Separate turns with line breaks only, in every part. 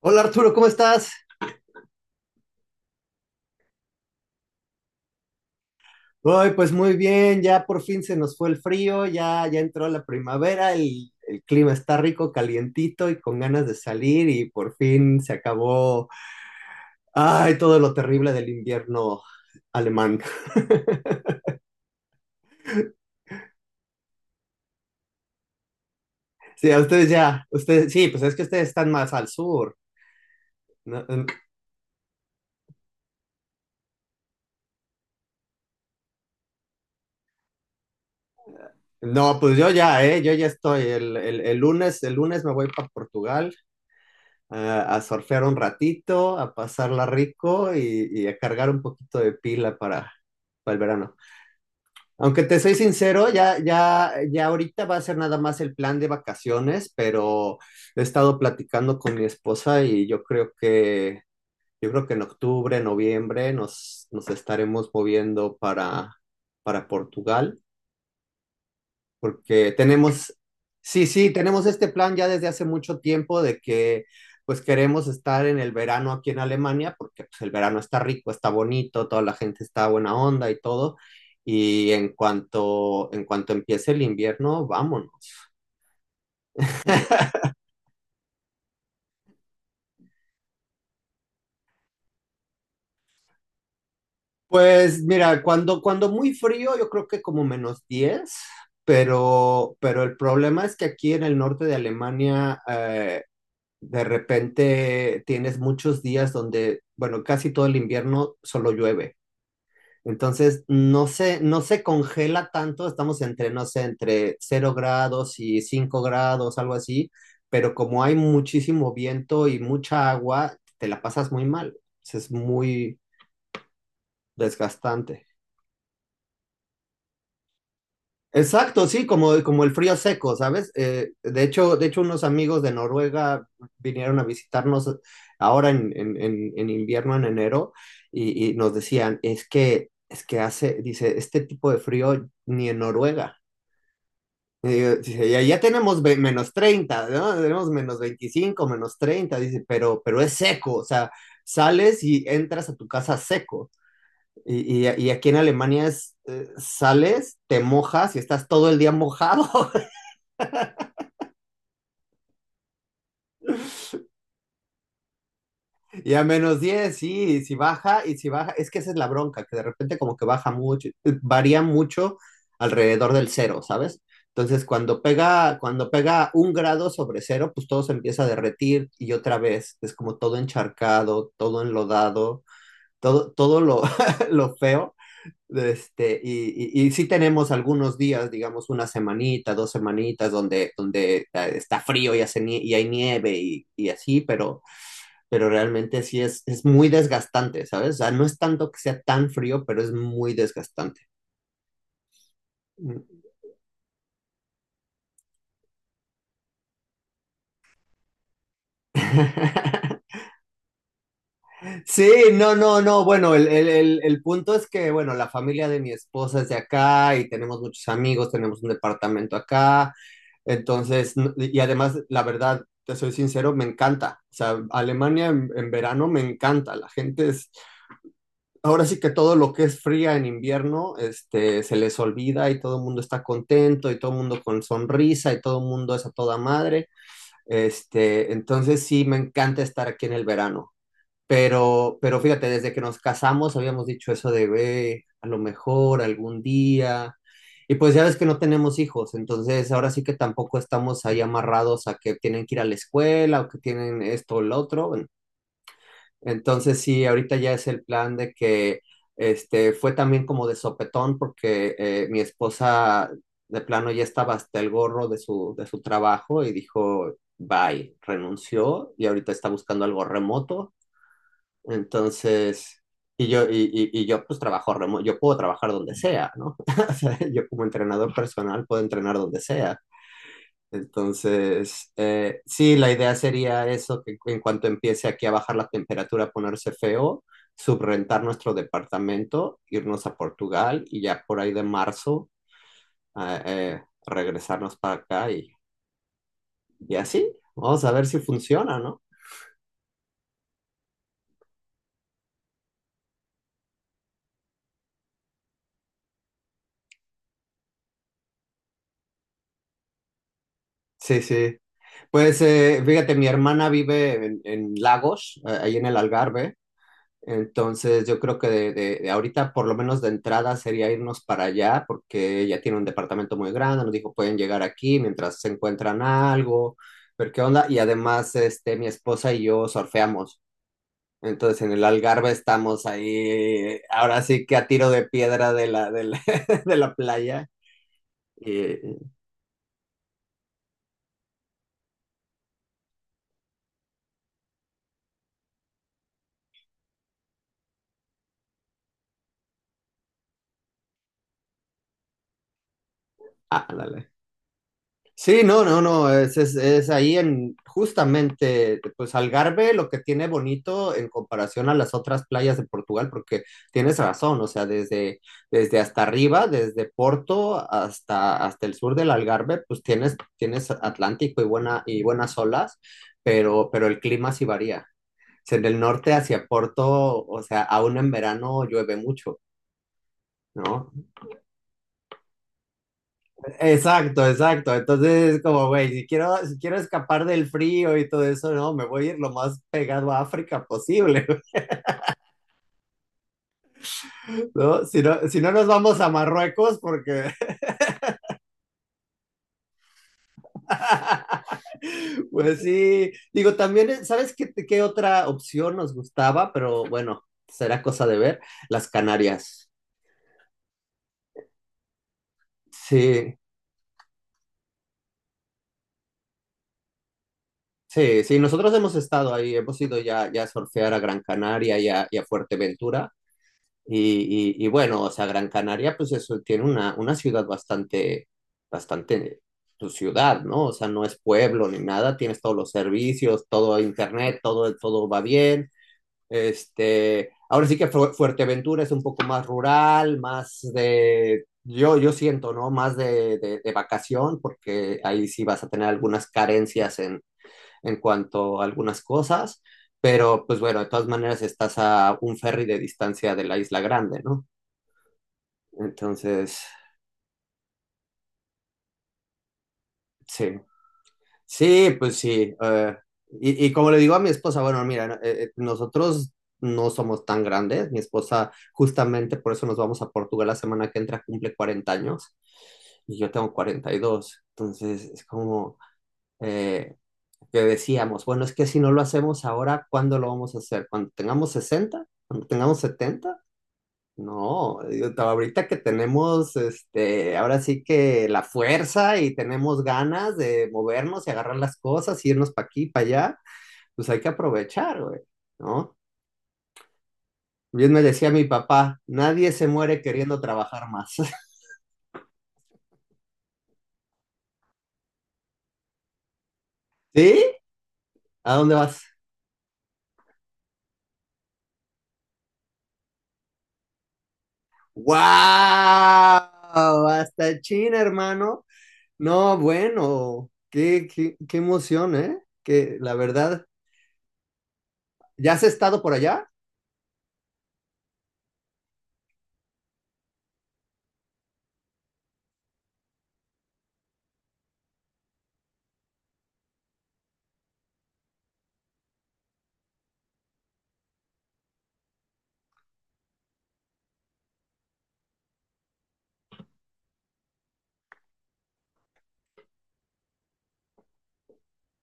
Hola Arturo, ¿cómo estás? Hoy pues muy bien, ya por fin se nos fue el frío, ya entró la primavera, el clima está rico, calientito y con ganas de salir y por fin se acabó, ay, todo lo terrible del invierno alemán. Sí, a ustedes ya, ustedes, sí, pues es que ustedes están más al sur. No, no, pues yo ya estoy, el lunes me voy para Portugal a surfear un ratito, a pasarla rico y a cargar un poquito de pila para, el verano. Aunque te soy sincero, ya ahorita va a ser nada más el plan de vacaciones, pero he estado platicando con mi esposa y yo creo que en octubre, noviembre nos estaremos moviendo para Portugal porque tenemos, sí, sí, tenemos este plan ya desde hace mucho tiempo de que pues queremos estar en el verano aquí en Alemania, porque pues, el verano está rico, está bonito, toda la gente está buena onda y todo. Y en cuanto empiece el invierno, vámonos. Pues mira, cuando muy frío, yo creo que como -10, pero el problema es que aquí en el norte de Alemania. De repente tienes muchos días donde, bueno, casi todo el invierno solo llueve. Entonces, no se congela tanto, estamos entre, no sé, entre cero grados y 5 grados, algo así, pero como hay muchísimo viento y mucha agua, te la pasas muy mal. Es muy desgastante. Exacto, sí, como el frío seco, ¿sabes? De hecho, unos amigos de Noruega vinieron a visitarnos ahora en invierno, en enero, y nos decían, es que hace, dice, este tipo de frío ni en Noruega. Y yo, dice, ya tenemos -30, ¿no? Tenemos -25, -30, dice, pero es seco, o sea, sales y entras a tu casa seco. Y aquí en Alemania, sales, te mojas y estás todo el día mojado. Y a -10 sí, y si baja, es que esa es la bronca, que de repente como que baja mucho, varía mucho alrededor del cero, ¿sabes? Entonces, cuando pega un grado sobre cero, pues todo se empieza a derretir y otra vez es como todo encharcado, todo enlodado, todo lo, lo feo. Y sí tenemos algunos días, digamos una semanita, dos semanitas, donde está frío y, y hay nieve y así, pero realmente sí es muy desgastante, ¿sabes? O sea, no es tanto que sea tan frío, pero es muy desgastante. Sí, no, no, no. Bueno, el punto es que, bueno, la familia de mi esposa es de acá y tenemos muchos amigos, tenemos un departamento acá. Entonces, y además, la verdad, te soy sincero, me encanta. O sea, Alemania en verano me encanta. La gente es ahora sí que todo lo que es fría en invierno, este, se les olvida y todo el mundo está contento y todo el mundo con sonrisa y todo el mundo es a toda madre. Este, entonces sí me encanta estar aquí en el verano. Pero fíjate, desde que nos casamos habíamos dicho eso de, ve, a lo mejor algún día. Y pues ya ves que no tenemos hijos, entonces ahora sí que tampoco estamos ahí amarrados a que tienen que ir a la escuela o que tienen esto o lo otro. Entonces sí, ahorita ya es el plan de que este fue también como de sopetón porque mi esposa de plano ya estaba hasta el gorro de su trabajo y dijo bye, renunció y ahorita está buscando algo remoto. Entonces y yo pues trabajo remoto, yo puedo trabajar donde sea, ¿no? O sea, yo como entrenador personal puedo entrenar donde sea. Entonces, sí, la idea sería eso, que en cuanto empiece aquí a bajar la temperatura, a ponerse feo, subrentar nuestro departamento, irnos a Portugal y ya por ahí de marzo, regresarnos para acá y así. Vamos a ver si funciona, ¿no? Sí, sí. Pues fíjate, mi hermana vive en Lagos, ahí en el Algarve. Entonces, yo creo que de ahorita, por lo menos de entrada, sería irnos para allá, porque ella tiene un departamento muy grande, nos dijo, pueden llegar aquí mientras se encuentran algo, ver qué onda. Y además, este, mi esposa y yo surfeamos. Entonces, en el Algarve estamos ahí, ahora sí que a tiro de piedra de la, de la playa. Y, ah, dale. Sí, no, no, no, es ahí en justamente, pues Algarve lo que tiene bonito en comparación a las otras playas de Portugal, porque tienes razón, o sea, desde hasta arriba, desde Porto hasta, hasta el sur del Algarve, pues tienes, tienes Atlántico y, y buenas olas, pero el clima sí varía. O sea, en el norte hacia Porto, o sea, aún en verano llueve mucho. ¿No? Exacto, exacto. Entonces es como, güey, si quiero escapar del frío y todo eso, no, me voy a ir lo más pegado a África posible. ¿No? Si no, si no nos vamos a Marruecos, porque, pues sí, digo, también, ¿sabes qué, qué, otra opción nos gustaba? Pero bueno, será cosa de ver, las Canarias. Sí, sí, sí, nosotros hemos estado ahí, hemos ido ya a surfear a Gran Canaria y a Fuerteventura. Y bueno, o sea, Gran Canaria, pues eso, tiene una ciudad bastante, bastante, tu ciudad, ¿no? O sea, no es pueblo ni nada, tienes todos los servicios, todo internet, todo, todo va bien. Este, ahora sí que Fuerteventura es un poco más rural, yo siento, ¿no? Más de vacación, porque ahí sí vas a tener algunas carencias en cuanto a algunas cosas, pero pues bueno, de todas maneras estás a un ferry de distancia de la Isla Grande, ¿no? Entonces, sí, sí, pues sí. Y como le digo a mi esposa, bueno, mira, no, nosotros no somos tan grandes. Mi esposa, justamente por eso nos vamos a Portugal la semana que entra, cumple 40 años y yo tengo 42. Entonces, es como eh, que decíamos, bueno, es que si no lo hacemos ahora, ¿cuándo lo vamos a hacer? ¿Cuando tengamos 60? ¿Cuando tengamos 70? No, digo, ahorita que tenemos, este, ahora sí que la fuerza y tenemos ganas de movernos y agarrar las cosas, irnos para aquí, para allá, pues hay que aprovechar, güey, ¿no? Bien me decía mi papá, nadie se muere queriendo trabajar más. ¿Sí? ¿A dónde vas? ¡Wow! Hasta China, hermano. No, bueno, qué emoción, ¿eh? Que la verdad, ¿ya has estado por allá?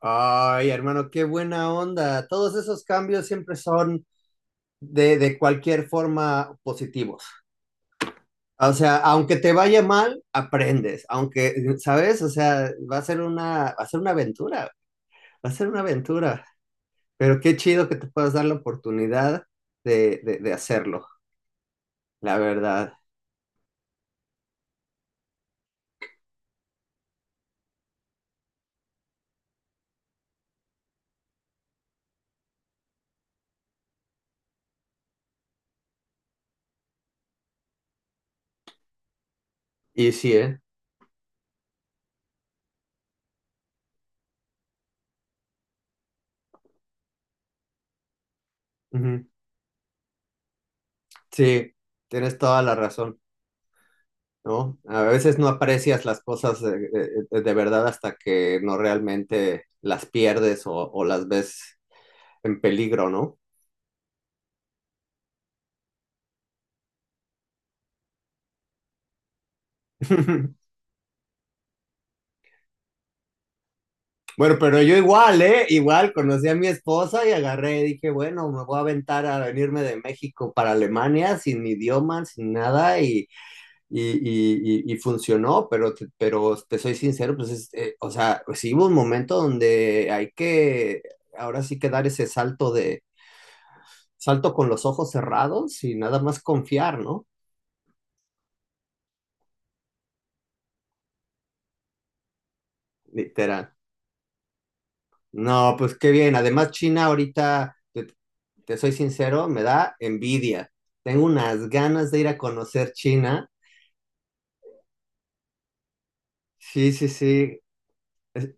Ay, hermano, qué buena onda. Todos esos cambios siempre son de cualquier forma positivos. O sea, aunque te vaya mal, aprendes. Aunque, ¿sabes? O sea, va a ser una aventura. Va a ser una aventura. Pero qué chido que te puedas dar la oportunidad de hacerlo, la verdad. Y sí, ¿eh? Ujú. Sí, tienes toda la razón. ¿No? A veces no aprecias las cosas de, verdad hasta que no realmente las pierdes o las ves en peligro, ¿no? Bueno, pero yo igual, ¿eh? Igual conocí a mi esposa y agarré, dije, bueno, me voy a aventar a venirme de México para Alemania sin mi idioma, sin nada, y funcionó, pero, pero te soy sincero, pues, es, o sea, pues sí hubo un momento donde hay que, ahora sí que dar ese salto de salto con los ojos cerrados y nada más confiar, ¿no? Literal. No, pues qué bien. Además, China ahorita, te soy sincero, me da envidia. Tengo unas ganas de ir a conocer China. Sí, sí, sí. Es-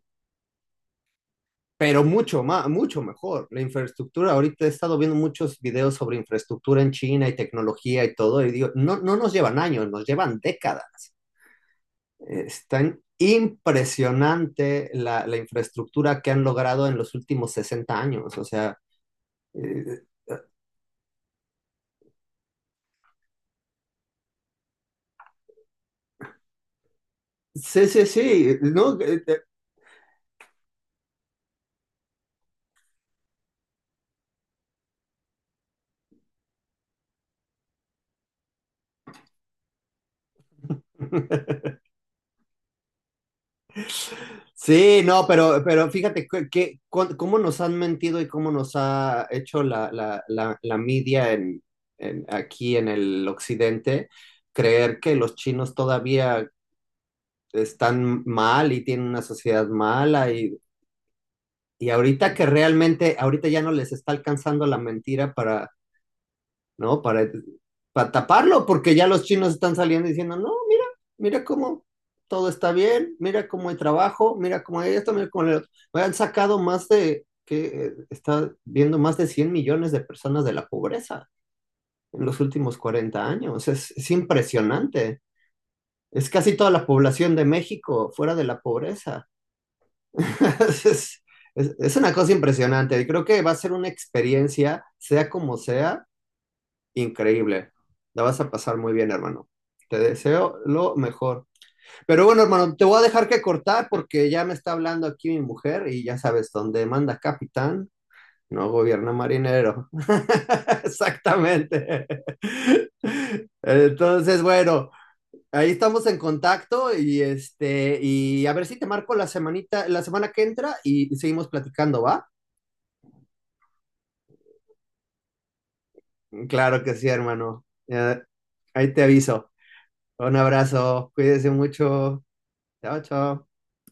Pero mucho más, mucho mejor. La infraestructura, ahorita he estado viendo muchos videos sobre infraestructura en China y tecnología y todo, y digo, no, no nos llevan años, nos llevan décadas. Están impresionante la infraestructura que han logrado en los últimos 60 años. O sea, eh, sí, sí, sí, ¿no? Sí, no, pero fíjate que cómo nos han mentido y cómo nos ha hecho la media aquí en el occidente creer que los chinos todavía están mal y tienen una sociedad mala. Y ahorita que realmente, ahorita ya no les está alcanzando la mentira para, ¿no? Para taparlo, porque ya los chinos están saliendo diciendo, no, mira, mira cómo todo está bien, mira cómo hay trabajo, mira cómo hay esto, mira cómo hay otro. Han sacado que está viendo más de 100 millones de personas de la pobreza en los últimos 40 años. Es impresionante. Es casi toda la población de México fuera de la pobreza. Es, es una cosa impresionante. Y creo que va a ser una experiencia, sea como sea, increíble. La vas a pasar muy bien, hermano. Te deseo lo mejor. Pero bueno, hermano, te voy a dejar que cortar porque ya me está hablando aquí mi mujer y ya sabes, donde manda capitán, no gobierna marinero. Exactamente. Entonces, bueno. Ahí estamos en contacto y este, y a ver si te marco la semanita, la semana que entra y seguimos platicando, ¿va? Claro que sí, hermano. Ahí te aviso. Un abrazo, cuídese mucho. Chao, chao.